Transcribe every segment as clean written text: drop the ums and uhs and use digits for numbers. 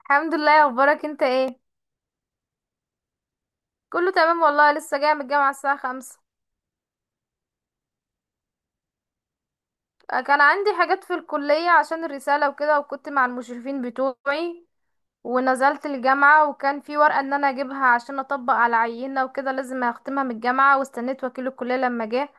الحمد لله. اخبارك انت ايه؟ كله تمام والله، لسه جايه من الجامعه الساعه خمسة. كان عندي حاجات في الكليه عشان الرساله وكده، وكنت مع المشرفين بتوعي، ونزلت الجامعه وكان في ورقه ان انا اجيبها عشان اطبق على عينه وكده، لازم اختمها من الجامعه، واستنيت وكيل الكليه لما جه،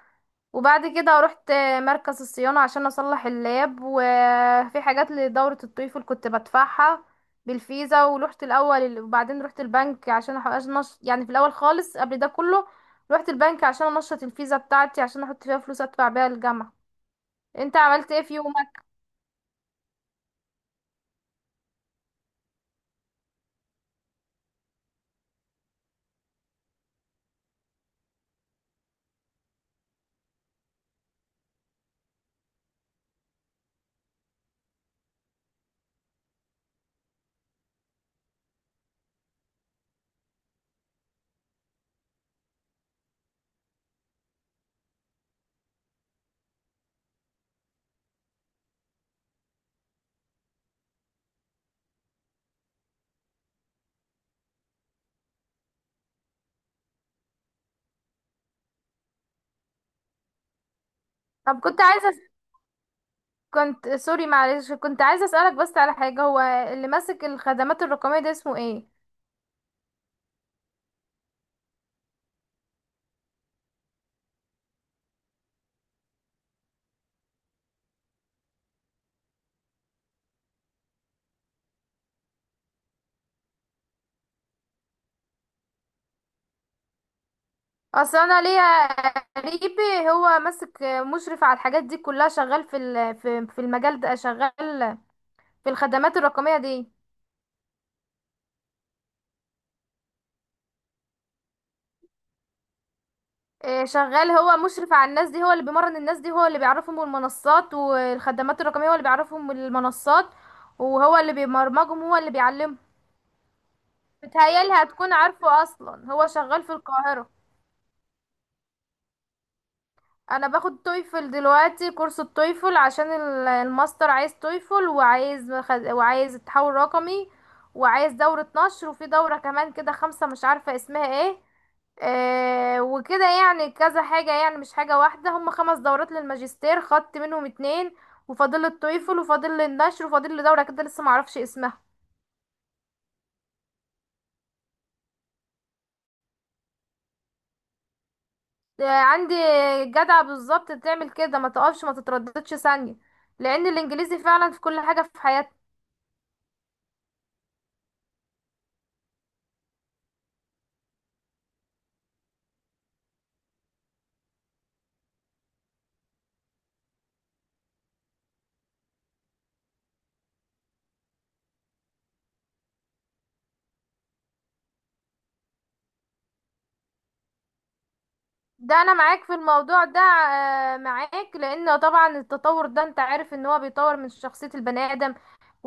وبعد كده رحت مركز الصيانة عشان أصلح اللاب، وفي حاجات لدورة الطفل كنت بدفعها بالفيزا، ورحت الأول وبعدين رحت البنك عشان أحقق يعني في الأول خالص قبل ده كله رحت البنك عشان أنشط الفيزا بتاعتي عشان أحط فيها فلوس أدفع بيها الجامعة. أنت عملت إيه في يومك؟ طب كنت سوري معلش، كنت عايزة أسألك بس على حاجة، هو اللي ماسك الخدمات الرقمية ده اسمه إيه؟ اصل انا ليا قريبي، هو ماسك مشرف على الحاجات دي كلها، شغال في المجال ده، شغال في الخدمات الرقميه دي. إيه، شغال، هو مشرف على الناس دي، هو اللي بيمرن الناس دي، هو اللي بيعرفهم المنصات والخدمات الرقميه، هو اللي بيعرفهم المنصات، وهو اللي بيبرمجهم، هو اللي بيعلمهم. بتهيالي هتكون عارفه، اصلا هو شغال في القاهره. انا باخد تويفل دلوقتي، كورس التويفل، عشان الماستر عايز تويفل، وعايز التحول الرقمي، وعايز دورة نشر، وفي دورة كمان كده، خمسة مش عارفة اسمها ايه. آه، وكده يعني كذا حاجة، يعني مش حاجة واحدة، هم خمس دورات للماجستير، خدت منهم اتنين، وفاضل التويفل، وفاضل لي النشر، وفاضل لي دورة كده لسه معرفش اسمها. آه، عندي. جدعة بالظبط، تعمل كده، ما تقفش، ما تترددش ثانية، لان الانجليزي فعلا في كل حاجة في حياتنا. ده انا معاك في الموضوع ده، معاك، لان طبعا التطور ده انت عارف ان هو بيطور من شخصية البني ادم،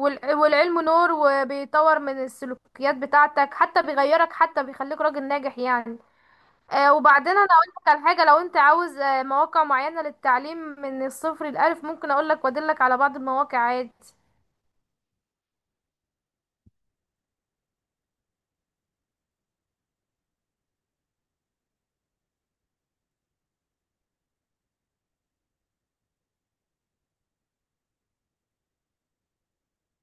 والعلم نور، وبيطور من السلوكيات بتاعتك، حتى بيغيرك، حتى بيخليك راجل ناجح يعني. وبعدين انا اقول لك على حاجة، لو انت عاوز مواقع معينة للتعليم من الصفر للالف، ممكن اقول لك وادلك على بعض المواقع عادي.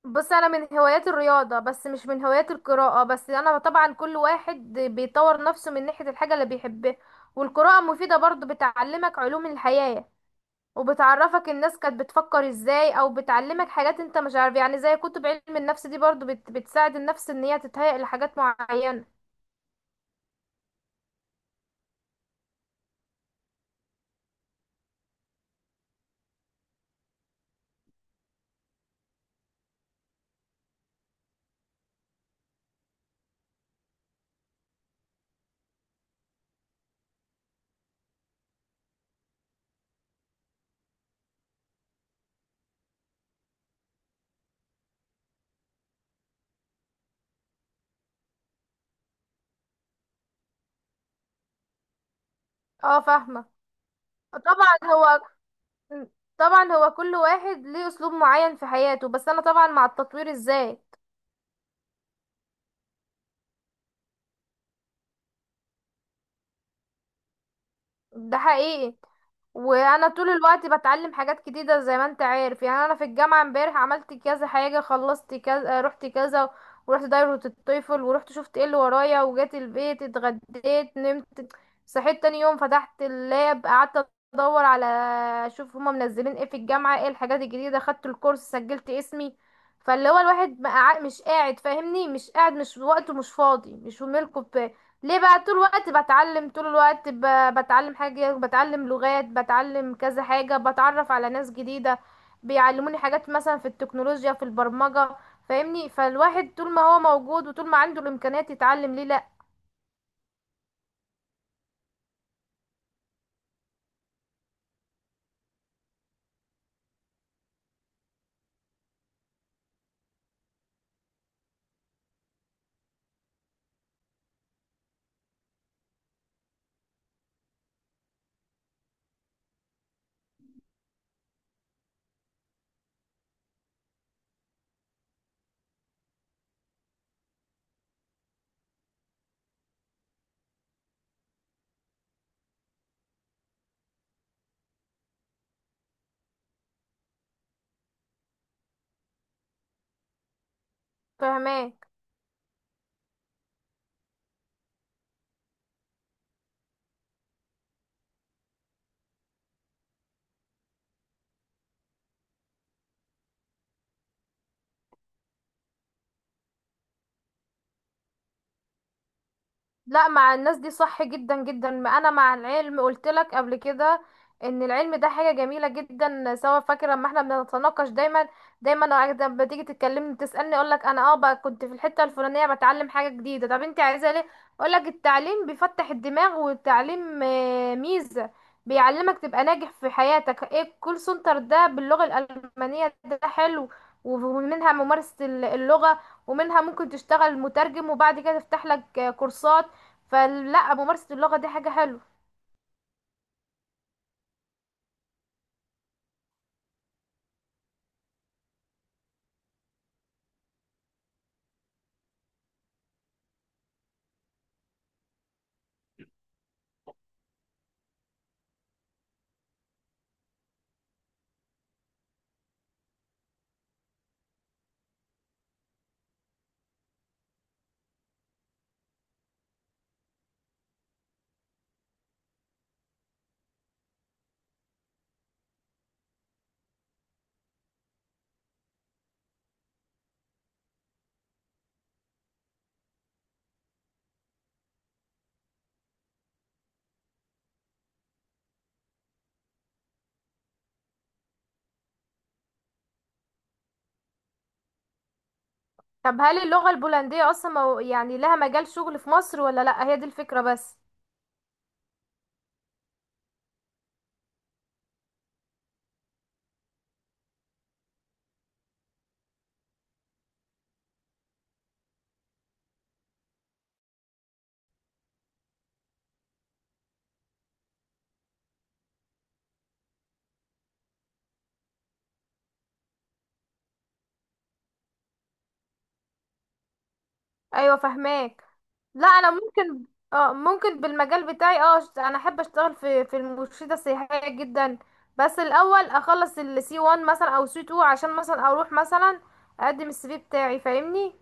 بص، انا من هوايات الرياضه، بس مش من هوايات القراءه، بس انا طبعا كل واحد بيطور نفسه من ناحيه الحاجه اللي بيحبها، والقراءه مفيده برضو، بتعلمك علوم الحياه، وبتعرفك الناس كانت بتفكر ازاي، او بتعلمك حاجات انت مش عارف، يعني زي كتب علم النفس دي برضو بتساعد النفس ان هي تتهيأ لحاجات معينه. اه فاهمه. طبعا هو طبعا هو كل واحد ليه اسلوب معين في حياته، بس انا طبعا مع التطوير ازاي. ده حقيقي، وانا طول الوقت بتعلم حاجات جديده، زي ما انت عارف يعني، انا في الجامعه امبارح عملت كذا حاجه، خلصت كذا، رحت كذا، ورحت دايره الطفل، ورحت شفت ايه اللي ورايا، وجيت البيت اتغديت نمت، صحيت تاني يوم فتحت اللاب، قعدت ادور على، اشوف هما منزلين ايه في الجامعه، ايه الحاجات الجديده، خدت الكورس، سجلت اسمي. فاللي هو الواحد بقى مش قاعد فاهمني، مش قاعد، مش وقته، مش فاضي، مش في ملكه، ليه بقى؟ طول الوقت بتعلم، طول الوقت بتعلم حاجة، بتعلم لغات، بتعلم كذا حاجة، بتعرف على ناس جديدة، بيعلموني حاجات مثلا في التكنولوجيا، في البرمجة، فاهمني، فالواحد طول ما هو موجود وطول ما عنده الإمكانيات يتعلم، ليه لأ؟ فاهماه. لا، مع الناس دي صح جدا جدا، ما انا مع العلم قلت لك قبل كده ان العلم ده حاجه جميله جدا، سواء فاكر لما احنا بنتناقش دايما دايما. أنا لما تيجي تتكلمني تسالني، اقول لك انا اه بقى كنت في الحته الفلانيه بتعلم حاجه جديده، طب انت عايزه ليه؟ اقول لك التعليم بيفتح الدماغ، والتعليم ميزه، بيعلمك تبقى ناجح في حياتك. ايه الكول سنتر ده باللغه الالمانيه ده حلو، ومنها ممارسه اللغه، ومنها ممكن تشتغل مترجم، وبعد كده تفتح لك كورسات، فلا ممارسة اللغة دي حاجة حلوة. طب هل اللغة البولندية أصلا يعني لها مجال شغل في مصر ولا لأ، هي دي الفكرة بس. أيوة فهماك. لا أنا ممكن، اه ممكن بالمجال بتاعي، أنا أحب أشتغل في المرشدة السياحية جدا، بس الأول أخلص السي 1 مثلا أو سي 2، عشان مثلا أروح مثلا أقدم السي في بتاعي، فاهمني.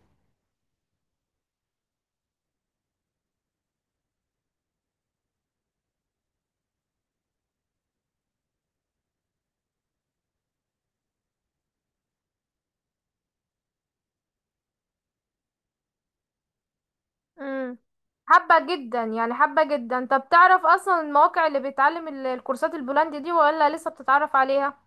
مم. حابة جدا يعني، حابة جدا. طب تعرف أصلا المواقع اللي بيتعلم الكورسات البولندي دي، ولا لسه بتتعرف عليها؟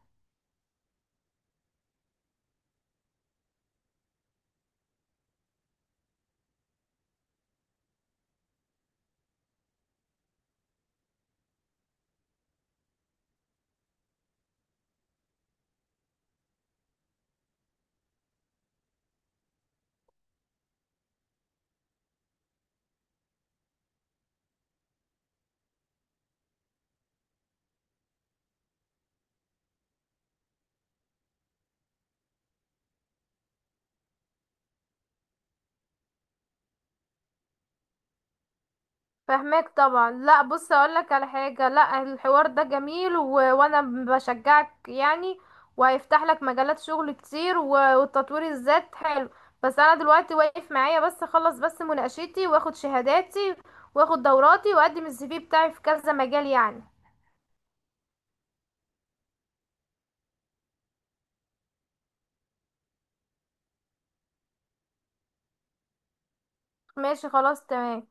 فهماك طبعا. لا بص اقولك على حاجة، لا الحوار ده جميل وانا بشجعك يعني، وهيفتح لك مجالات شغل كتير، والتطوير الذات حلو، بس انا دلوقتي واقف معايا بس اخلص بس مناقشتي، واخد شهاداتي، واخد دوراتي، واقدم السي في بتاعي في كذا مجال يعني. ماشي خلاص تمام.